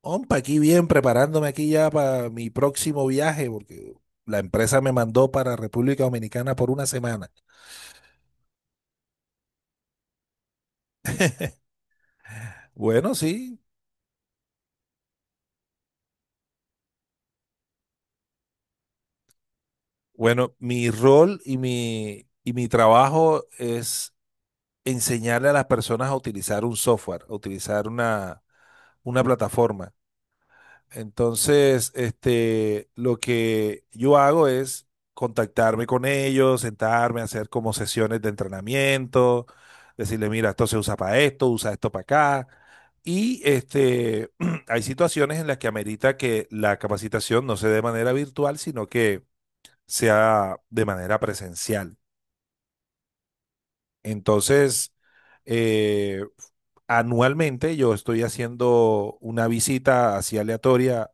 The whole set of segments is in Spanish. Ompa, aquí bien, preparándome aquí ya para mi próximo viaje, porque la empresa me mandó para República Dominicana por una semana. Bueno, sí. Bueno, mi rol y mi trabajo es enseñarle a las personas a utilizar un software, a utilizar una plataforma. Entonces, lo que yo hago es contactarme con ellos, sentarme, hacer como sesiones de entrenamiento, decirle, mira, esto se usa para esto, usa esto para acá. Y hay situaciones en las que amerita que la capacitación no sea de manera virtual, sino que sea de manera presencial. Entonces, eh, anualmente yo estoy haciendo una visita así aleatoria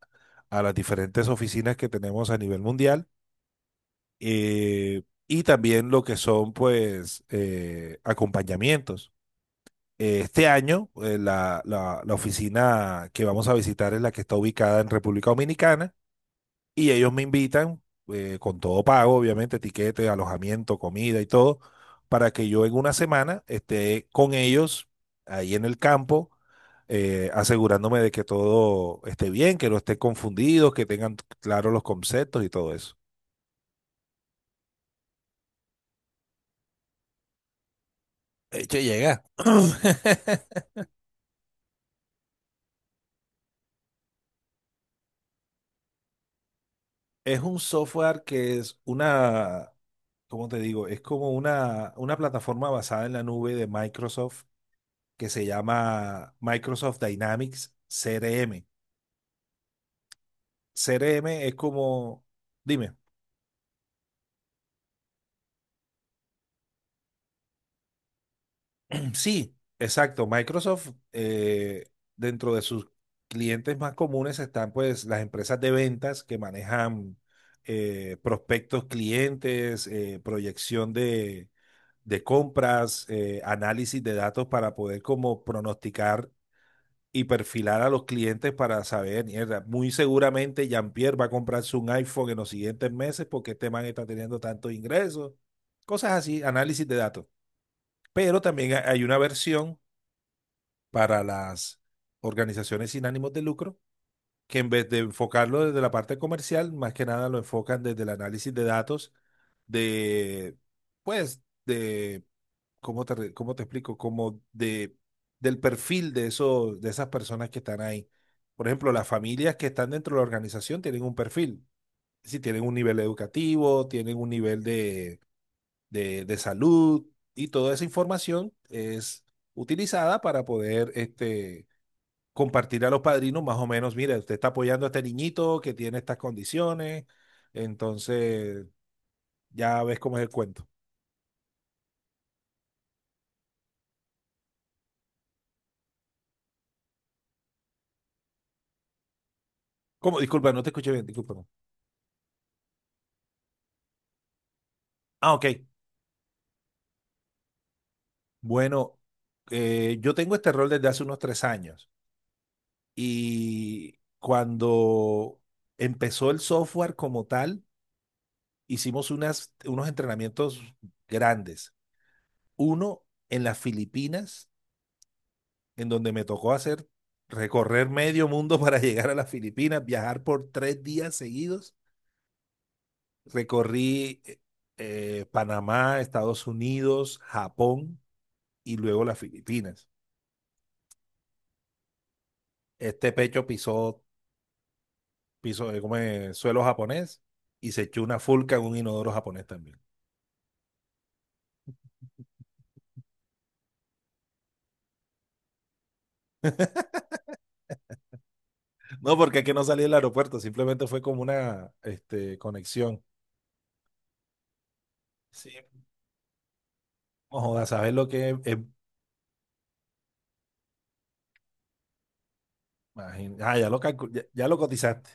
a las diferentes oficinas que tenemos a nivel mundial eh, y también lo que son pues acompañamientos. Este año, la oficina que vamos a visitar es la que está ubicada en República Dominicana y ellos me invitan, con todo pago, obviamente, tiquete, alojamiento, comida y todo, para que yo en una semana esté con ellos ahí en el campo, asegurándome de que todo esté bien, que no esté confundido, que tengan claros los conceptos y todo eso. De hecho, llega. Es un software que es una, ¿cómo te digo? Es como una plataforma basada en la nube de Microsoft que se llama Microsoft Dynamics CRM. C R M es como, dime, sí, exacto, Microsoft dentro de sus clientes más comunes están pues las empresas de ventas que manejan prospectos clientes, proyección de compras, análisis de datos para poder como pronosticar y perfilar a los clientes para saber, mierda, muy seguramente Jean-Pierre va a comprarse un iPhone en los siguientes meses porque este man está teniendo tantos ingresos, cosas así, análisis de datos. Pero también hay una versión para las organizaciones sin ánimos de lucro, que en vez de enfocarlo desde la parte comercial, más que nada lo enfocan desde el análisis de datos de, pues, de, ¿cómo te, cómo te explico? Como de, del perfil de eso, de esas personas que están ahí. Por ejemplo, las familias que están dentro de la organización tienen un perfil. Si tienen un nivel educativo, tienen un nivel de de salud y toda esa información es utilizada para poder compartir a los padrinos más o menos, mira, usted está apoyando a este niñito que tiene estas condiciones, entonces ya ves cómo es el cuento. ¿Cómo? Disculpa, no te escuché bien, disculpa. No. Ah, ok. Bueno, yo tengo este rol desde hace unos tres años y cuando empezó el software como tal, hicimos unos entrenamientos grandes uno en las Filipinas, en donde me tocó hacer recorrer medio mundo para llegar a las Filipinas, viajar por tres días seguidos. Recorrí Panamá, Estados Unidos, Japón y luego las Filipinas. Este pecho pisó, piso como suelo japonés y se echó una fulca en un inodoro japonés también. No, porque es que no salí del aeropuerto, simplemente fue como una conexión. Sí, no jodas, ¿sabes lo que es? Ah, ya ya, ya lo cotizaste.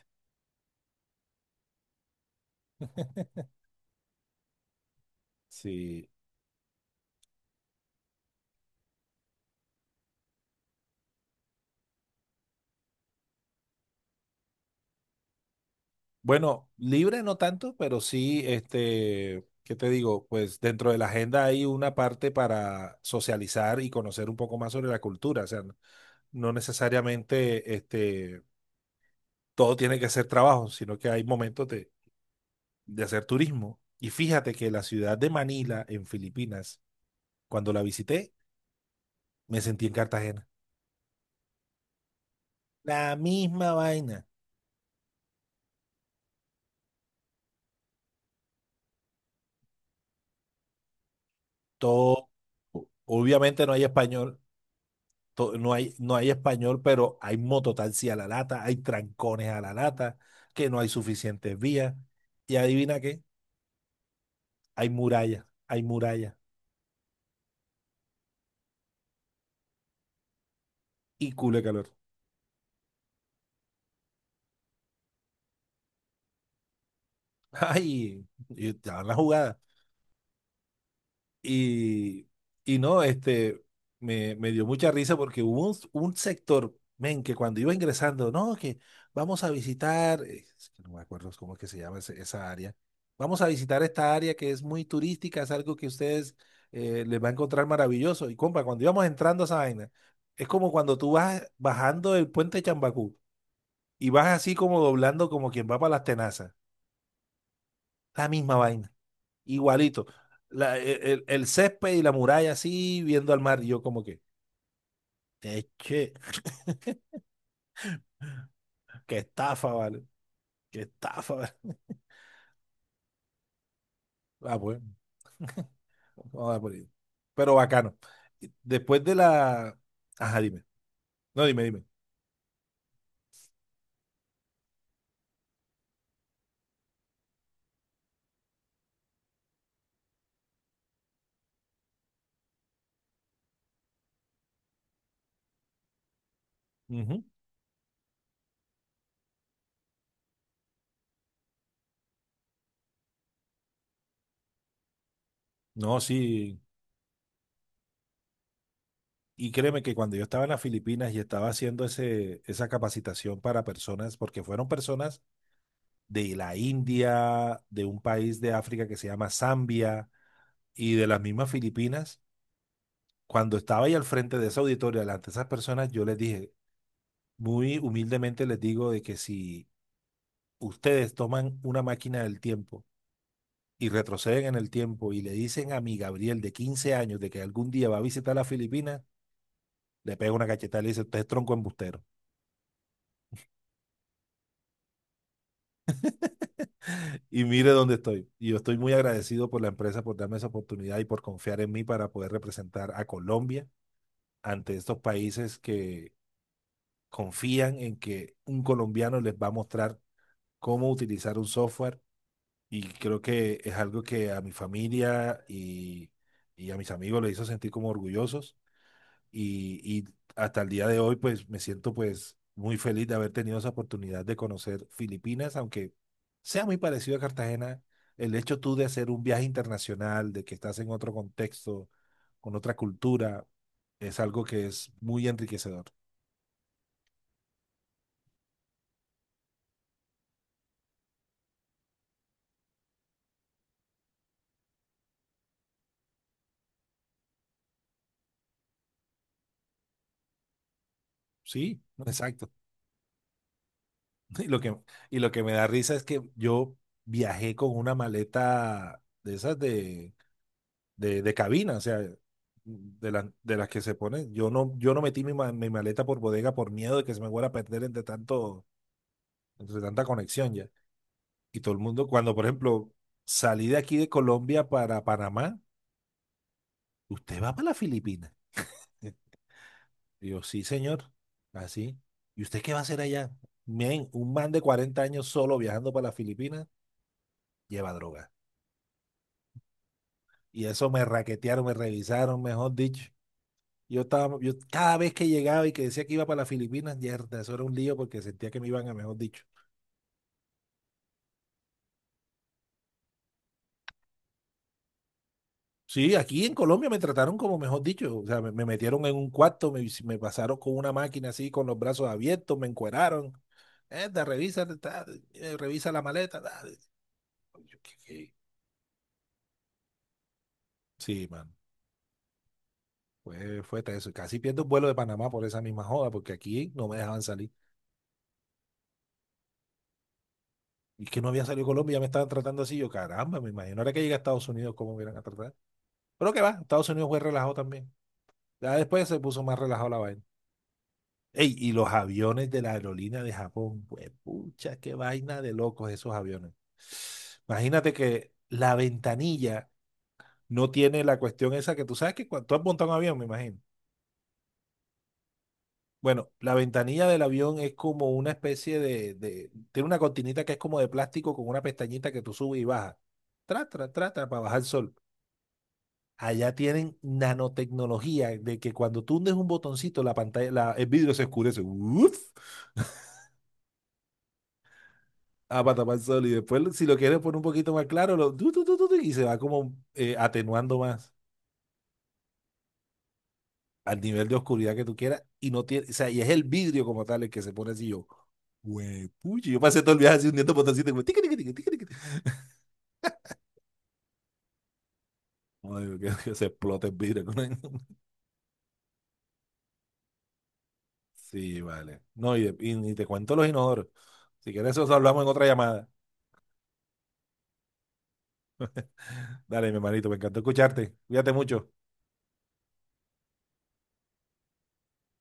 Sí. Bueno, libre no tanto, pero sí, ¿qué te digo? Pues dentro de la agenda hay una parte para socializar y conocer un poco más sobre la cultura. O sea, no necesariamente todo tiene que ser trabajo, sino que hay momentos de hacer turismo. Y fíjate que la ciudad de Manila, en Filipinas, cuando la visité, me sentí en Cartagena. La misma vaina. Todo. Obviamente no hay español. No hay, no hay español, pero hay mototaxi a la lata, hay trancones a la lata, que no hay suficientes vías. Y adivina qué, hay murallas y culo de calor. Ay, y te van la jugada. Y, y no, me dio mucha risa porque hubo un sector, men, que cuando iba ingresando, no, que vamos a visitar, es que no me acuerdo cómo es que se llama esa área, vamos a visitar esta área que es muy turística, es algo que ustedes les va a encontrar maravilloso. Y compa, cuando íbamos entrando a esa vaina, es como cuando tú vas bajando el puente de Chambacú y vas así como doblando como quien va para las tenazas, la misma vaina igualito. El césped y la muralla así, viendo al mar. Y yo como que, che, qué estafa, vale. Qué estafa, vale. Ah, pues, vamos a por ahí. Pero bacano. Y después de la... Ajá, dime. No, dime, dime. Ujú. No, sí. Y créeme que cuando yo estaba en las Filipinas y estaba haciendo esa capacitación para personas, porque fueron personas de la India, de un país de África que se llama Zambia y de las mismas Filipinas. Cuando estaba ahí al frente de esa auditoria, delante de esas personas, yo les dije, muy humildemente les digo de que si ustedes toman una máquina del tiempo y retroceden en el tiempo y le dicen a mi Gabriel de 15 años de que algún día va a visitar las Filipinas, le pego una cachetada y le dice, usted es tronco embustero. Y mire dónde estoy. Y yo estoy muy agradecido por la empresa por darme esa oportunidad y por confiar en mí para poder representar a Colombia ante estos países que confían en que un colombiano les va a mostrar cómo utilizar un software y creo que es algo que a mi familia y a mis amigos les hizo sentir como orgullosos y hasta el día de hoy pues me siento pues muy feliz de haber tenido esa oportunidad de conocer Filipinas, aunque sea muy parecido a Cartagena, el hecho tú de hacer un viaje internacional, de que estás en otro contexto, con otra cultura, es algo que es muy enriquecedor. Sí, exacto. Y lo que, y lo que me da risa es que yo viajé con una maleta de esas de cabina, o sea, de, de las que se ponen. Yo no metí mi, mi maleta por bodega por miedo de que se me fuera a perder entre tanto, entre tanta conexión ya. Y todo el mundo, cuando por ejemplo salí de aquí de Colombia para Panamá, usted va para las Filipinas. Y yo, sí, señor, así. ¿Y usted qué va a hacer allá? Men, un man de 40 años solo viajando para las Filipinas lleva droga. Y eso me raquetearon, me revisaron, mejor dicho. Yo estaba, yo cada vez que llegaba y que decía que iba para las Filipinas, yerda, eso era un lío porque sentía que me iban a mejor dicho. Sí, aquí en Colombia me trataron como mejor dicho, o sea, me metieron en un cuarto, me pasaron con una máquina así, con los brazos abiertos, me encueraron. Erda, revisa, ta, revisa la maleta. Ta. Yo, ¿qué? Sí, man, fue eso. Casi pierdo un vuelo de Panamá por esa misma joda, porque aquí no me dejaban salir. Y que no había salido Colombia, ya me estaban tratando así. Yo, caramba, me imagino. Ahora que llega a Estados Unidos, ¿cómo me iban a tratar? Pero que va, Estados Unidos fue relajado también. Ya después se puso más relajado la vaina. Ey, y los aviones de la aerolínea de Japón, pues, pucha, qué vaina de locos esos aviones. Imagínate que la ventanilla no tiene la cuestión esa que tú sabes que cuando tú has montado un avión, me imagino. Bueno, la ventanilla del avión es como una especie de, tiene una cortinita que es como de plástico con una pestañita que tú subes y bajas. Tra, tra, tra, tra, para bajar el sol. Allá tienen nanotecnología de que cuando tú hundes un botoncito, el vidrio se oscurece. Uf, a patapal sol. Y después, si lo quieres poner un poquito más claro, lo, tu, y se va como atenuando más al nivel de oscuridad que tú quieras. Y no tiene, o sea, y es el vidrio como tal el que se pone así yo. Güey, puchi, yo pasé todo el viaje así hundiendo botoncito. Y como, tiqui, tiqui, tiqui, tiqui, tiqui. No, digo, que se explote el vidrio. Sí, vale. No, y te cuento los inodoros. Si quieres, eso hablamos en otra llamada. Dale, mi hermanito, me encantó escucharte. Cuídate mucho.